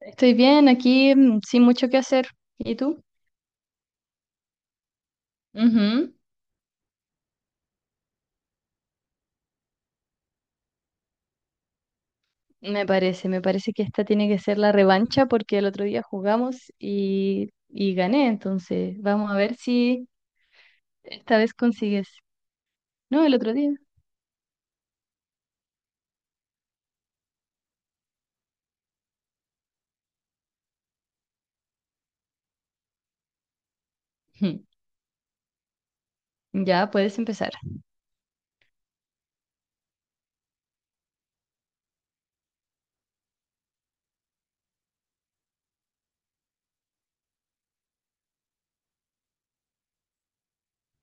Estoy bien aquí, sin mucho que hacer. ¿Y tú? Ujú. Me parece que esta tiene que ser la revancha porque el otro día jugamos y gané, entonces vamos a ver si esta vez consigues. No, el otro día. Ujú. Ya puedes empezar.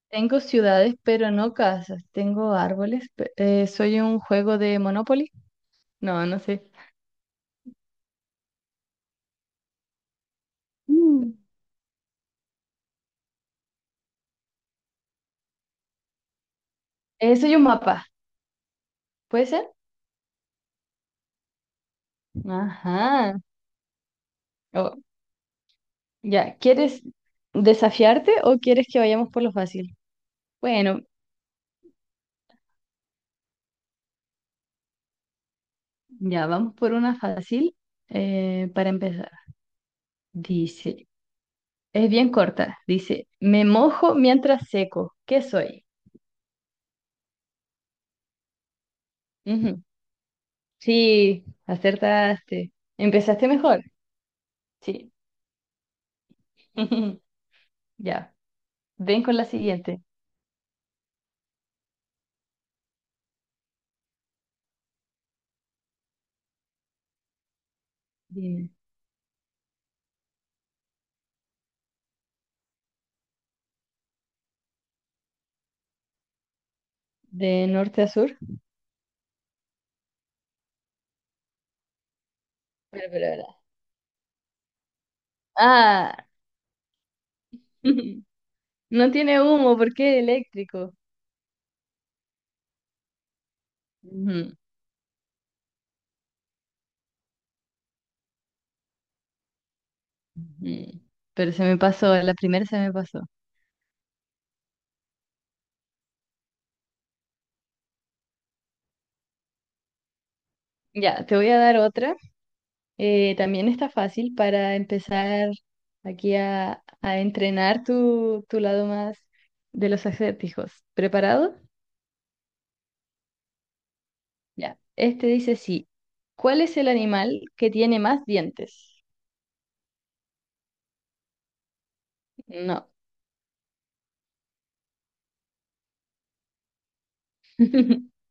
Tengo ciudades, pero no casas. Tengo árboles. Soy un juego de Monopoly. No, no sé. Mm. Soy un mapa. ¿Puede ser? Ajá. Ya, ¿quieres desafiarte o quieres que vayamos por lo fácil? Bueno, ya, vamos por una fácil para empezar. Dice, es bien corta, dice, me mojo mientras seco, ¿qué soy? Ujú. Sí, acertaste. ¿Empezaste mejor? Sí. Ya, ven con la siguiente. Dime. ¿De norte a sur? Espera, espera, espera. Ah, no tiene humo porque es eléctrico. Ujú. Mm. Pero se me pasó, la primera se me pasó. Ya, te voy a dar otra. También está fácil para empezar aquí a entrenar tu lado más de los acertijos. ¿Preparado? Ya. Este dice sí. ¿Cuál es el animal que tiene más dientes? No.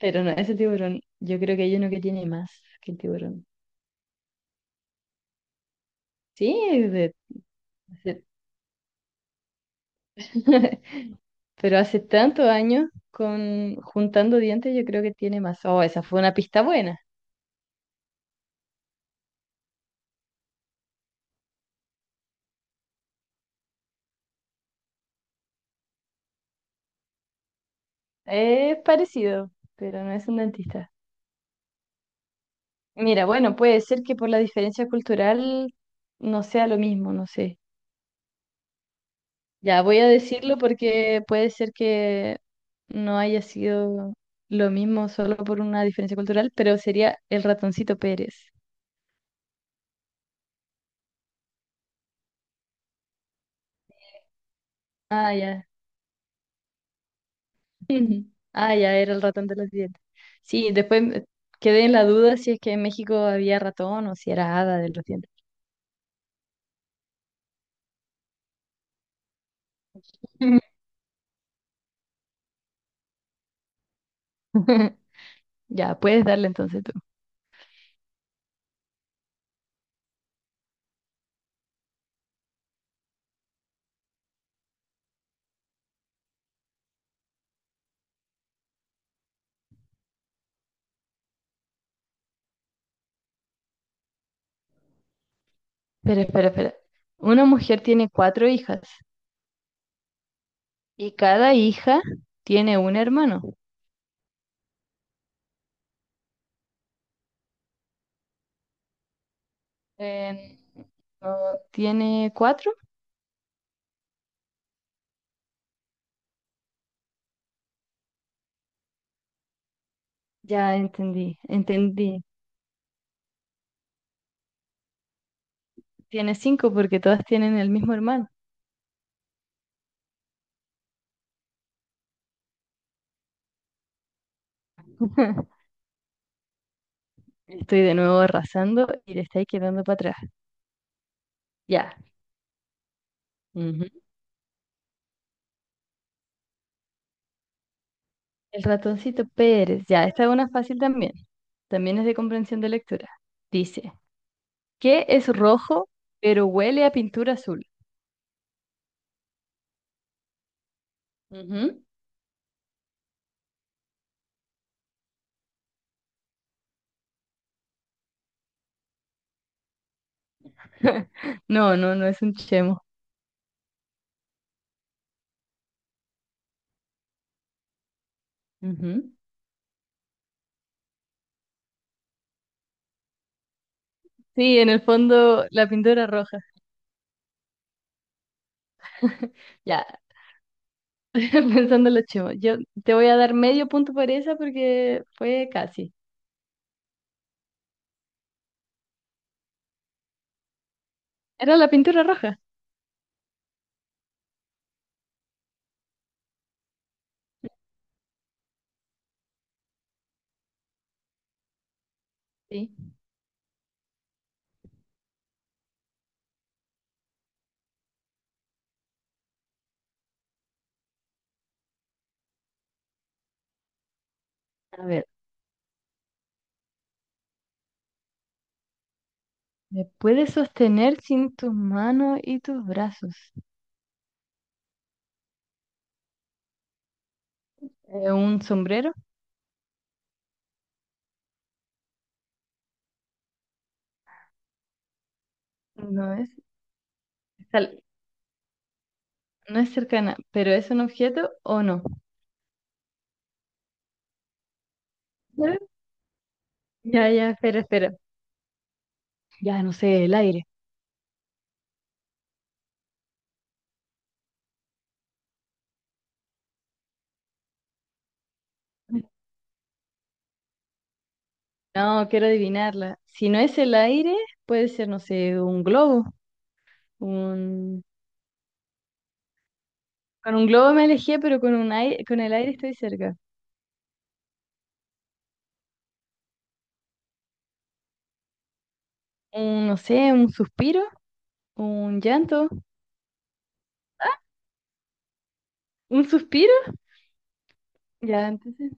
Pero no, ese tiburón. Yo creo que hay uno que tiene más que el tiburón. Sí, es de. Pero hace tantos años, con juntando dientes, yo creo que tiene más. Oh, esa fue una pista buena. Es parecido, pero no es un dentista. Mira, bueno, puede ser que por la diferencia cultural no sea lo mismo, no sé. Ya voy a decirlo porque puede ser que no haya sido lo mismo solo por una diferencia cultural, pero sería el ratoncito Pérez. Ah, ya. Ujú. Ah, ya era el ratón de los dientes. Sí, después quedé en la duda si es que en México había ratón o si era hada de los dientes. Ya, puedes darle entonces tú. Espera, espera, espera. Una mujer tiene cuatro hijas y cada hija tiene un hermano. Eh, ¿No ¿tiene cuatro? Ya entendí, entendí. Tiene cinco porque todas tienen el mismo hermano. Estoy de nuevo arrasando y le estáis quedando para atrás. Ya. Ujú. El ratoncito Pérez, ya, esta es una fácil también, también es de comprensión de lectura. Dice, ¿qué es rojo pero huele a pintura azul? Ujú, no, no, no es un chemo. Ujú. Sí, en el fondo la pintura roja. Ya, pensando en los chemos. Yo te voy a dar medio punto por esa porque fue casi. Era la pintura roja. Sí. A ver, ¿me puedes sostener sin tus manos y tus brazos? ¿Un sombrero? No es. Esta, no es cercana, pero ¿es un objeto o no? ¿Eh? Ya, ya, espera, espera. Ya, no sé, el aire. No, quiero adivinarla. Si no es el aire, puede ser, no sé, un globo. Un. Con un globo me alejé, pero con un aire, con el aire estoy cerca. Un, no sé, un suspiro, un llanto, un suspiro, ya, entonces,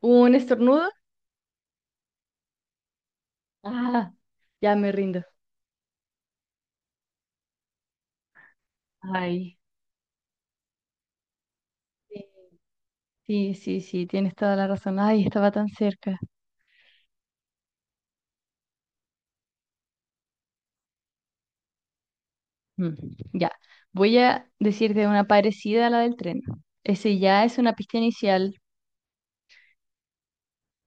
un estornudo. Ah, ya me rindo. Ay, sí, sí, sí, sí, tienes toda la razón. Ay, estaba tan cerca. Mm. Ya, voy a decirte una parecida a la del tren. Ese ya es una pista inicial.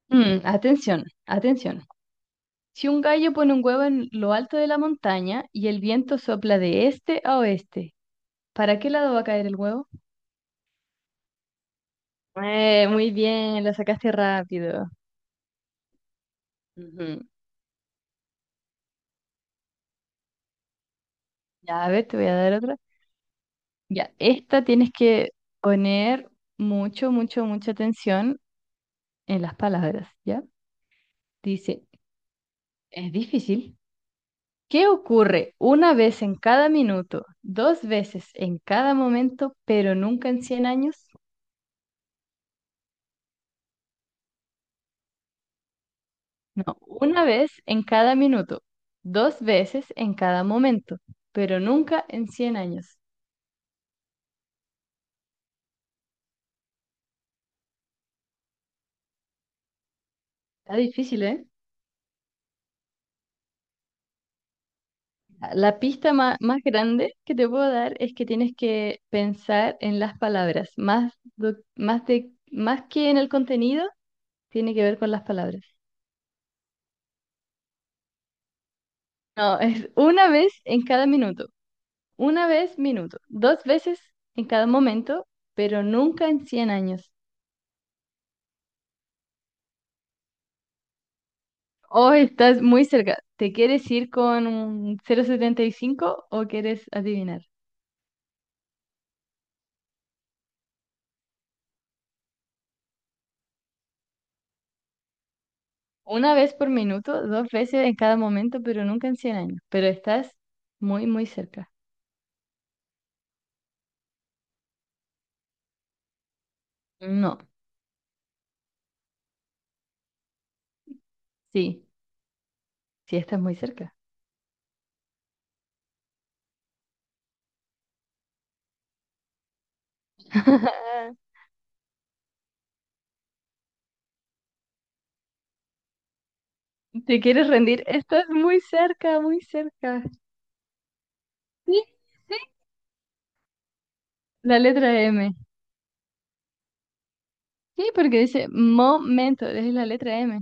Atención, atención. Si un gallo pone un huevo en lo alto de la montaña y el viento sopla de este a oeste, ¿para qué lado va a caer el huevo? Muy bien, lo sacaste rápido. Ujú. Ya, a ver, te voy a dar otra. Ya, esta tienes que poner mucho, mucho, mucha atención en las palabras, ¿ya? Dice, es difícil. ¿Qué ocurre una vez en cada minuto, dos veces en cada momento, pero nunca en 100 años? No, una vez en cada minuto, dos veces en cada momento, pero nunca en 100 años. Está difícil, ¿eh? La pista más, grande que te puedo dar es que tienes que pensar en las palabras, más, más, de, más que en el contenido, tiene que ver con las palabras. No, es una vez en cada minuto, una vez minuto, dos veces en cada momento, pero nunca en 100 años. Oh, estás muy cerca. ¿Te quieres ir con un 0,75 o quieres adivinar? Una vez por minuto, dos veces en cada momento, pero nunca en 100 años. Pero estás muy, muy cerca. No, sí, sí estás muy cerca. ¿Te quieres rendir? Estás muy cerca, muy cerca. Sí, sí. La letra M. Sí, porque dice momento, es la letra M.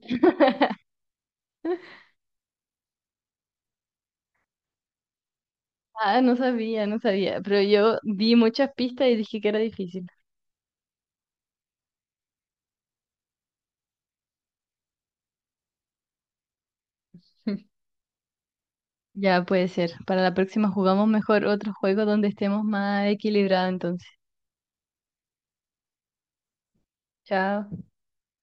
Ah, no sabía, no sabía, pero yo vi muchas pistas y dije que era difícil. Ya puede ser. Para la próxima jugamos mejor otro juego donde estemos más equilibrados entonces. Chao.